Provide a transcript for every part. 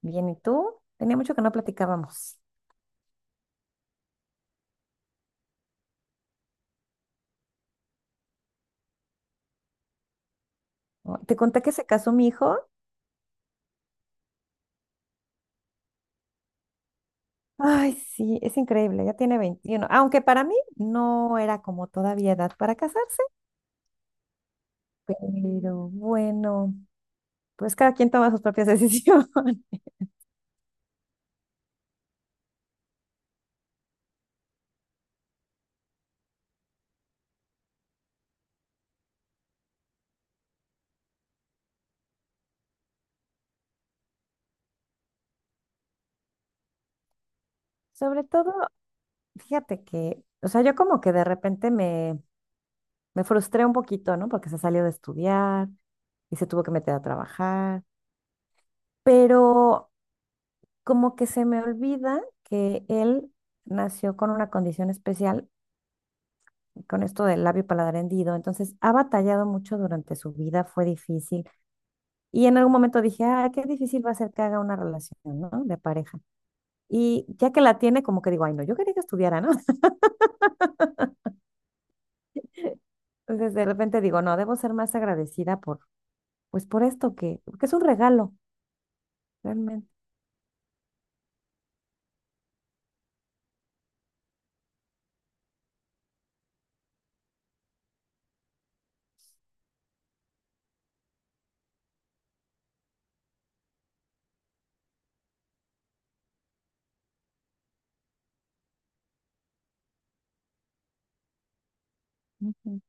Bien, ¿y tú? Tenía mucho que no platicábamos. ¿No? Te conté que se casó mi hijo. Ay, sí, es increíble, ya tiene 21, aunque para mí no era como todavía edad para casarse, pero bueno, pues cada quien toma sus propias decisiones. Sobre todo, fíjate que, o sea, yo como que de repente me frustré un poquito, ¿no? Porque se salió de estudiar y se tuvo que meter a trabajar, pero como que se me olvida que él nació con una condición especial con esto del labio paladar hendido, entonces ha batallado mucho durante su vida, fue difícil. Y en algún momento dije, ah, qué difícil va a ser que haga una relación, ¿no? De pareja. Y ya que la tiene, como que digo, ay, no, yo quería que estudiara, ¿no? Entonces de repente digo, no, debo ser más agradecida por, pues por esto que es un regalo, realmente. Ujú.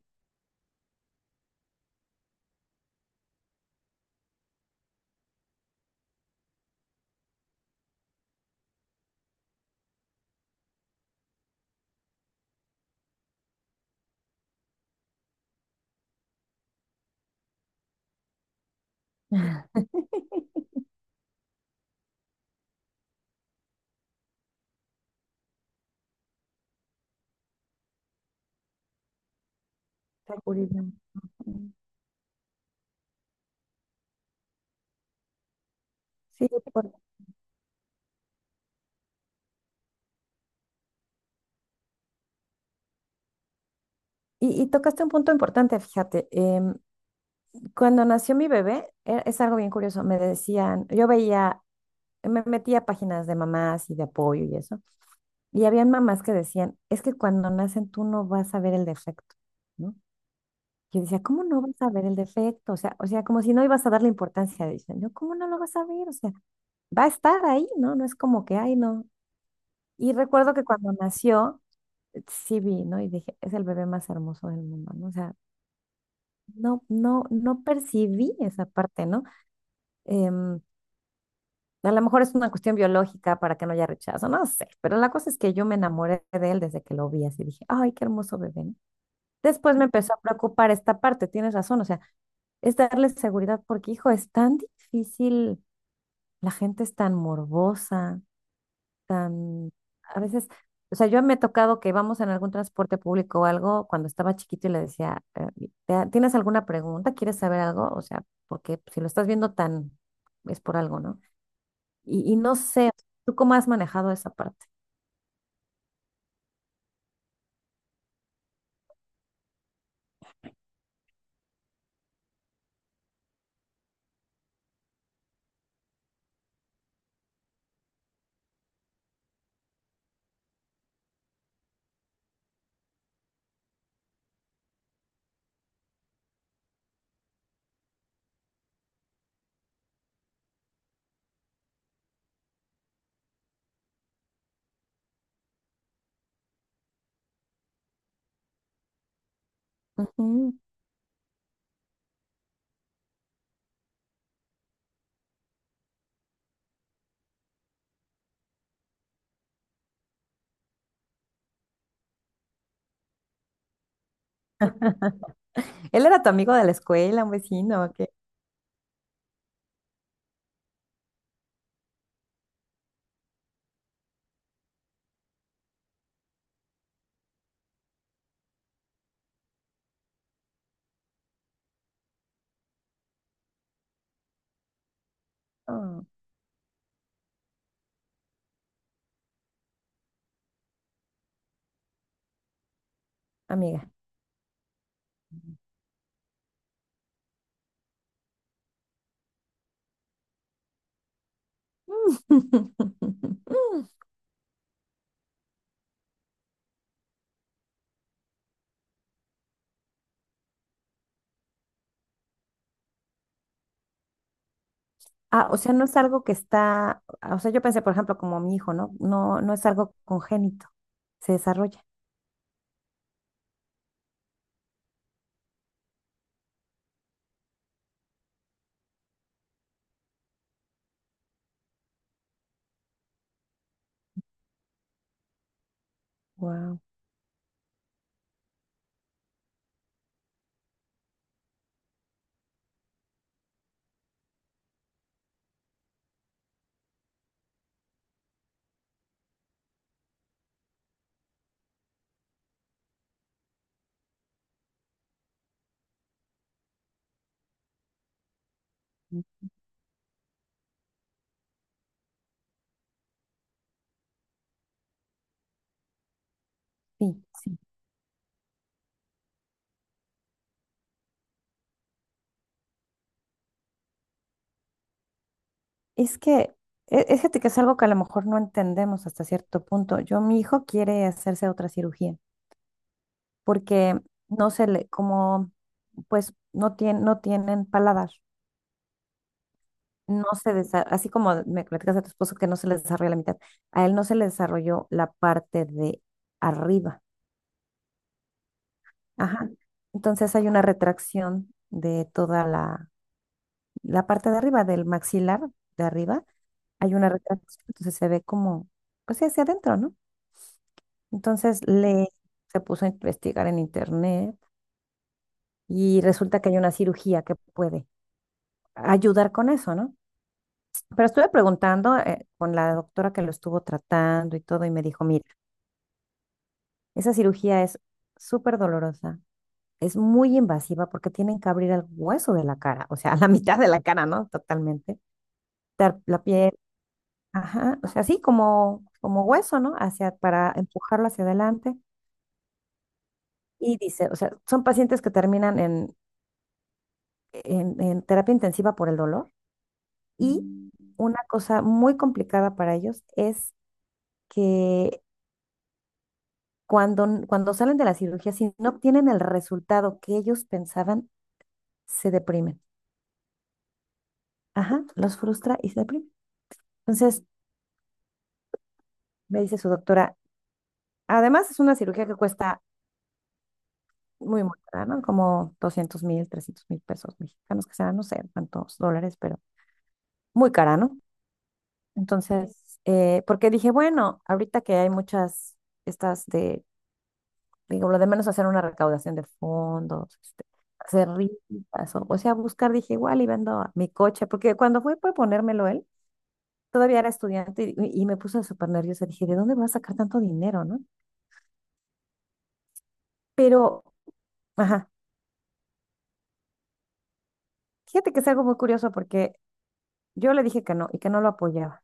Está curioso. Ujú. Sí, y tocaste un punto importante, fíjate. Cuando nació mi bebé, es algo bien curioso. Me decían, yo veía, me metí a páginas de mamás y de apoyo y eso. Y había mamás que decían, es que cuando nacen tú no vas a ver el defecto, ¿no? Yo decía, ¿cómo no vas a ver el defecto? O sea, como si no ibas a darle importancia. Dicen, no, ¿cómo no lo vas a ver? O sea, va a estar ahí, ¿no? No es como que, ay, no. Y recuerdo que cuando nació, sí vi, ¿no? Y dije, es el bebé más hermoso del mundo, ¿no? O sea, no, no, no percibí esa parte, ¿no? Em, A lo mejor es una cuestión biológica para que no haya rechazo, no sé, pero la cosa es que yo me enamoré de él desde que lo vi así, dije, ay, qué hermoso bebé. ¿No? Después me empezó a preocupar esta parte, tienes razón, o sea, es darle seguridad porque, hijo, es tan difícil, la gente es tan morbosa, tan, a veces, o sea, yo me he tocado que vamos en algún transporte público o algo cuando estaba chiquito y le decía, ¿tienes alguna pregunta? ¿Quieres saber algo? O sea, porque si lo estás viendo tan, es por algo, ¿no? Y no sé, ¿tú cómo has manejado esa parte?" Ujú. Él era tu amigo de la escuela, un vecino, que amiga. Ah, o sea, no es algo que está, ah, o sea, yo pensé, por ejemplo, como mi hijo, ¿no? No, no es algo congénito, se desarrolla. Wow. Sí, sí. Es que, es, fíjate que es algo que a lo mejor no entendemos hasta cierto punto. Yo, mi hijo quiere hacerse otra cirugía porque no se le, como, pues, no tienen paladar. No se desa- Así como me platicas a tu esposo que no se le desarrolla la mitad, a él no se le desarrolló la parte de arriba. Ajá. Entonces hay una retracción de toda la parte de arriba, del maxilar de arriba, hay una retracción, entonces se ve como, pues sí, hacia adentro, ¿no? Entonces le se puso a investigar en internet y resulta que hay una cirugía que puede ayudar con eso, ¿no? Pero estuve preguntando con la doctora que lo estuvo tratando y todo, y me dijo, mira, esa cirugía es súper dolorosa, es muy invasiva porque tienen que abrir el hueso de la cara, o sea, la mitad de la cara, ¿no? Totalmente. Dar la piel, ajá, o sea, así como hueso, ¿no? Hacia, para empujarlo hacia adelante. Y dice, o sea, son pacientes que terminan en terapia intensiva por el dolor. Y una cosa muy complicada para ellos es que cuando salen de la cirugía, si no obtienen el resultado que ellos pensaban, se deprimen. Ajá, los frustra y se deprime. Entonces, me dice su doctora, además es una cirugía que cuesta muy, muy cara, ¿no? Como 200,000, 300,000 pesos mexicanos, que sean, no sé cuántos dólares, pero muy cara, ¿no? Entonces, porque dije, bueno, ahorita que hay muchas estas de, digo, lo de menos hacer una recaudación de fondos, este, hacer rifas, o sea, buscar, dije, igual y vendo mi coche, porque cuando fue por ponérmelo él, todavía era estudiante y me puse súper nerviosa, dije, ¿de dónde voy a sacar tanto dinero, no? Pero, ajá, fíjate que es algo muy curioso porque yo le dije que no y que no lo apoyaba,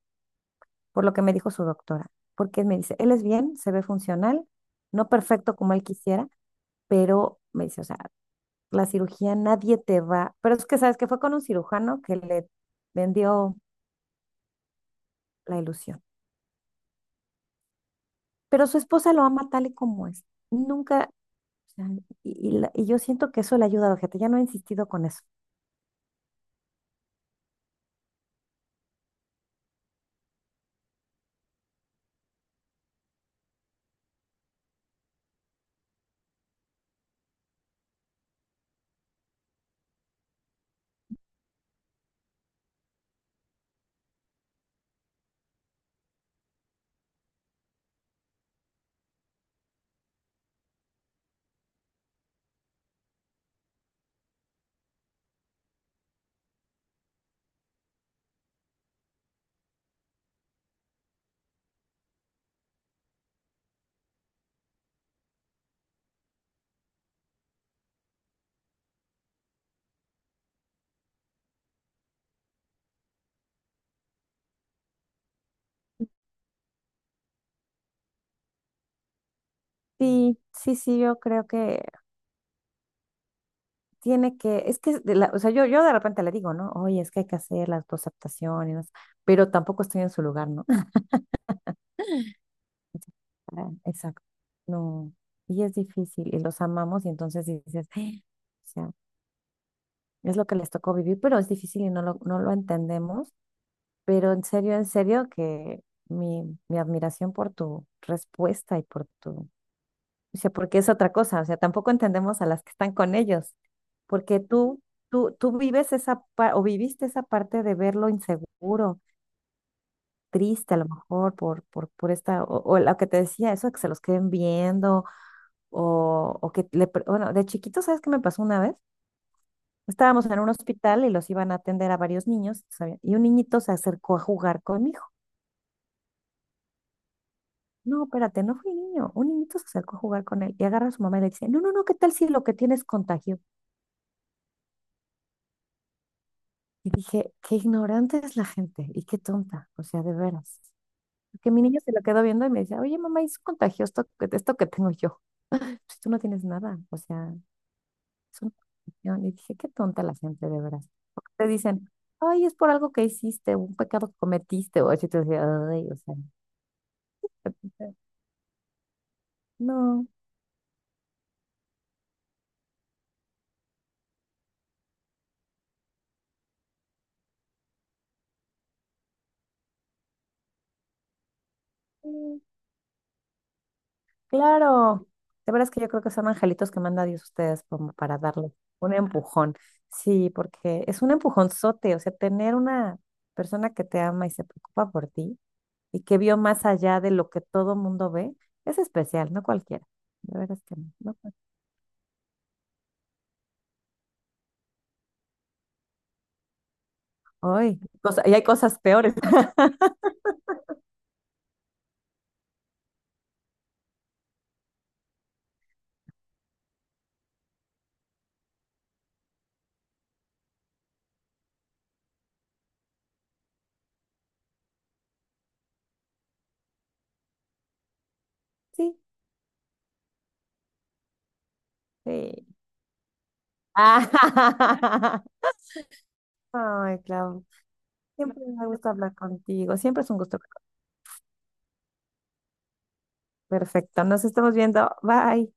por lo que me dijo su doctora, porque me dice, él es bien, se ve funcional, no perfecto como él quisiera, pero me dice, o sea, la cirugía nadie te va, pero es que sabes que fue con un cirujano que le vendió la ilusión, pero su esposa lo ama tal y como es, nunca, o sea, y yo siento que eso le ayuda, fíjate, ya no he insistido con eso. Sí, sí, sí, yo creo que tiene que, es que, o sea, yo de repente le digo, ¿no? Oye, es que hay que hacer las dos aceptaciones, pero tampoco estoy en su lugar, ¿no? Ah, exacto. No. Y es difícil y los amamos y entonces dices, "Ah", o sea, es lo que les tocó vivir, pero es difícil y no lo entendemos. Pero en serio, que mi admiración por tu respuesta y por tu... Dice, porque es otra cosa, o sea, tampoco entendemos a las que están con ellos, porque tú vives o viviste esa parte de verlo inseguro, triste a lo mejor por esta, o lo que te decía, eso de que se los queden viendo, o que bueno, de chiquito, ¿sabes qué me pasó una vez? Estábamos en un hospital y los iban a atender a varios niños, ¿sabes? Y un niñito se acercó a jugar con mi hijo. No, espérate, no fui niño, un niñito se acercó a jugar con él y agarra a su mamá y le dice, no, no, no, ¿qué tal si lo que tienes contagio? Y dije, qué ignorante es la gente y qué tonta, o sea, de veras. Que mi niña se lo quedó viendo y me decía, oye, mamá, ¿es contagioso esto que tengo yo? Pues tú no tienes nada, o sea, es una contagión. Y dije, qué tonta la gente, de veras. Porque te dicen, ay, es por algo que hiciste, un pecado que cometiste, o así te decía, ay, o sea, no. Claro, de veras que yo creo que son angelitos que manda Dios a ustedes como para darle un empujón. Sí, porque es un empujonzote, o sea, tener una persona que te ama y se preocupa por ti y que vio más allá de lo que todo mundo ve, es especial, no cualquiera. De veras que no. Ay, y hay cosas peores. Sí, sí. Ah, ay, Clau, siempre me gusta hablar contigo, siempre es un gusto. Hablar contigo. Perfecto, nos estamos viendo. Bye.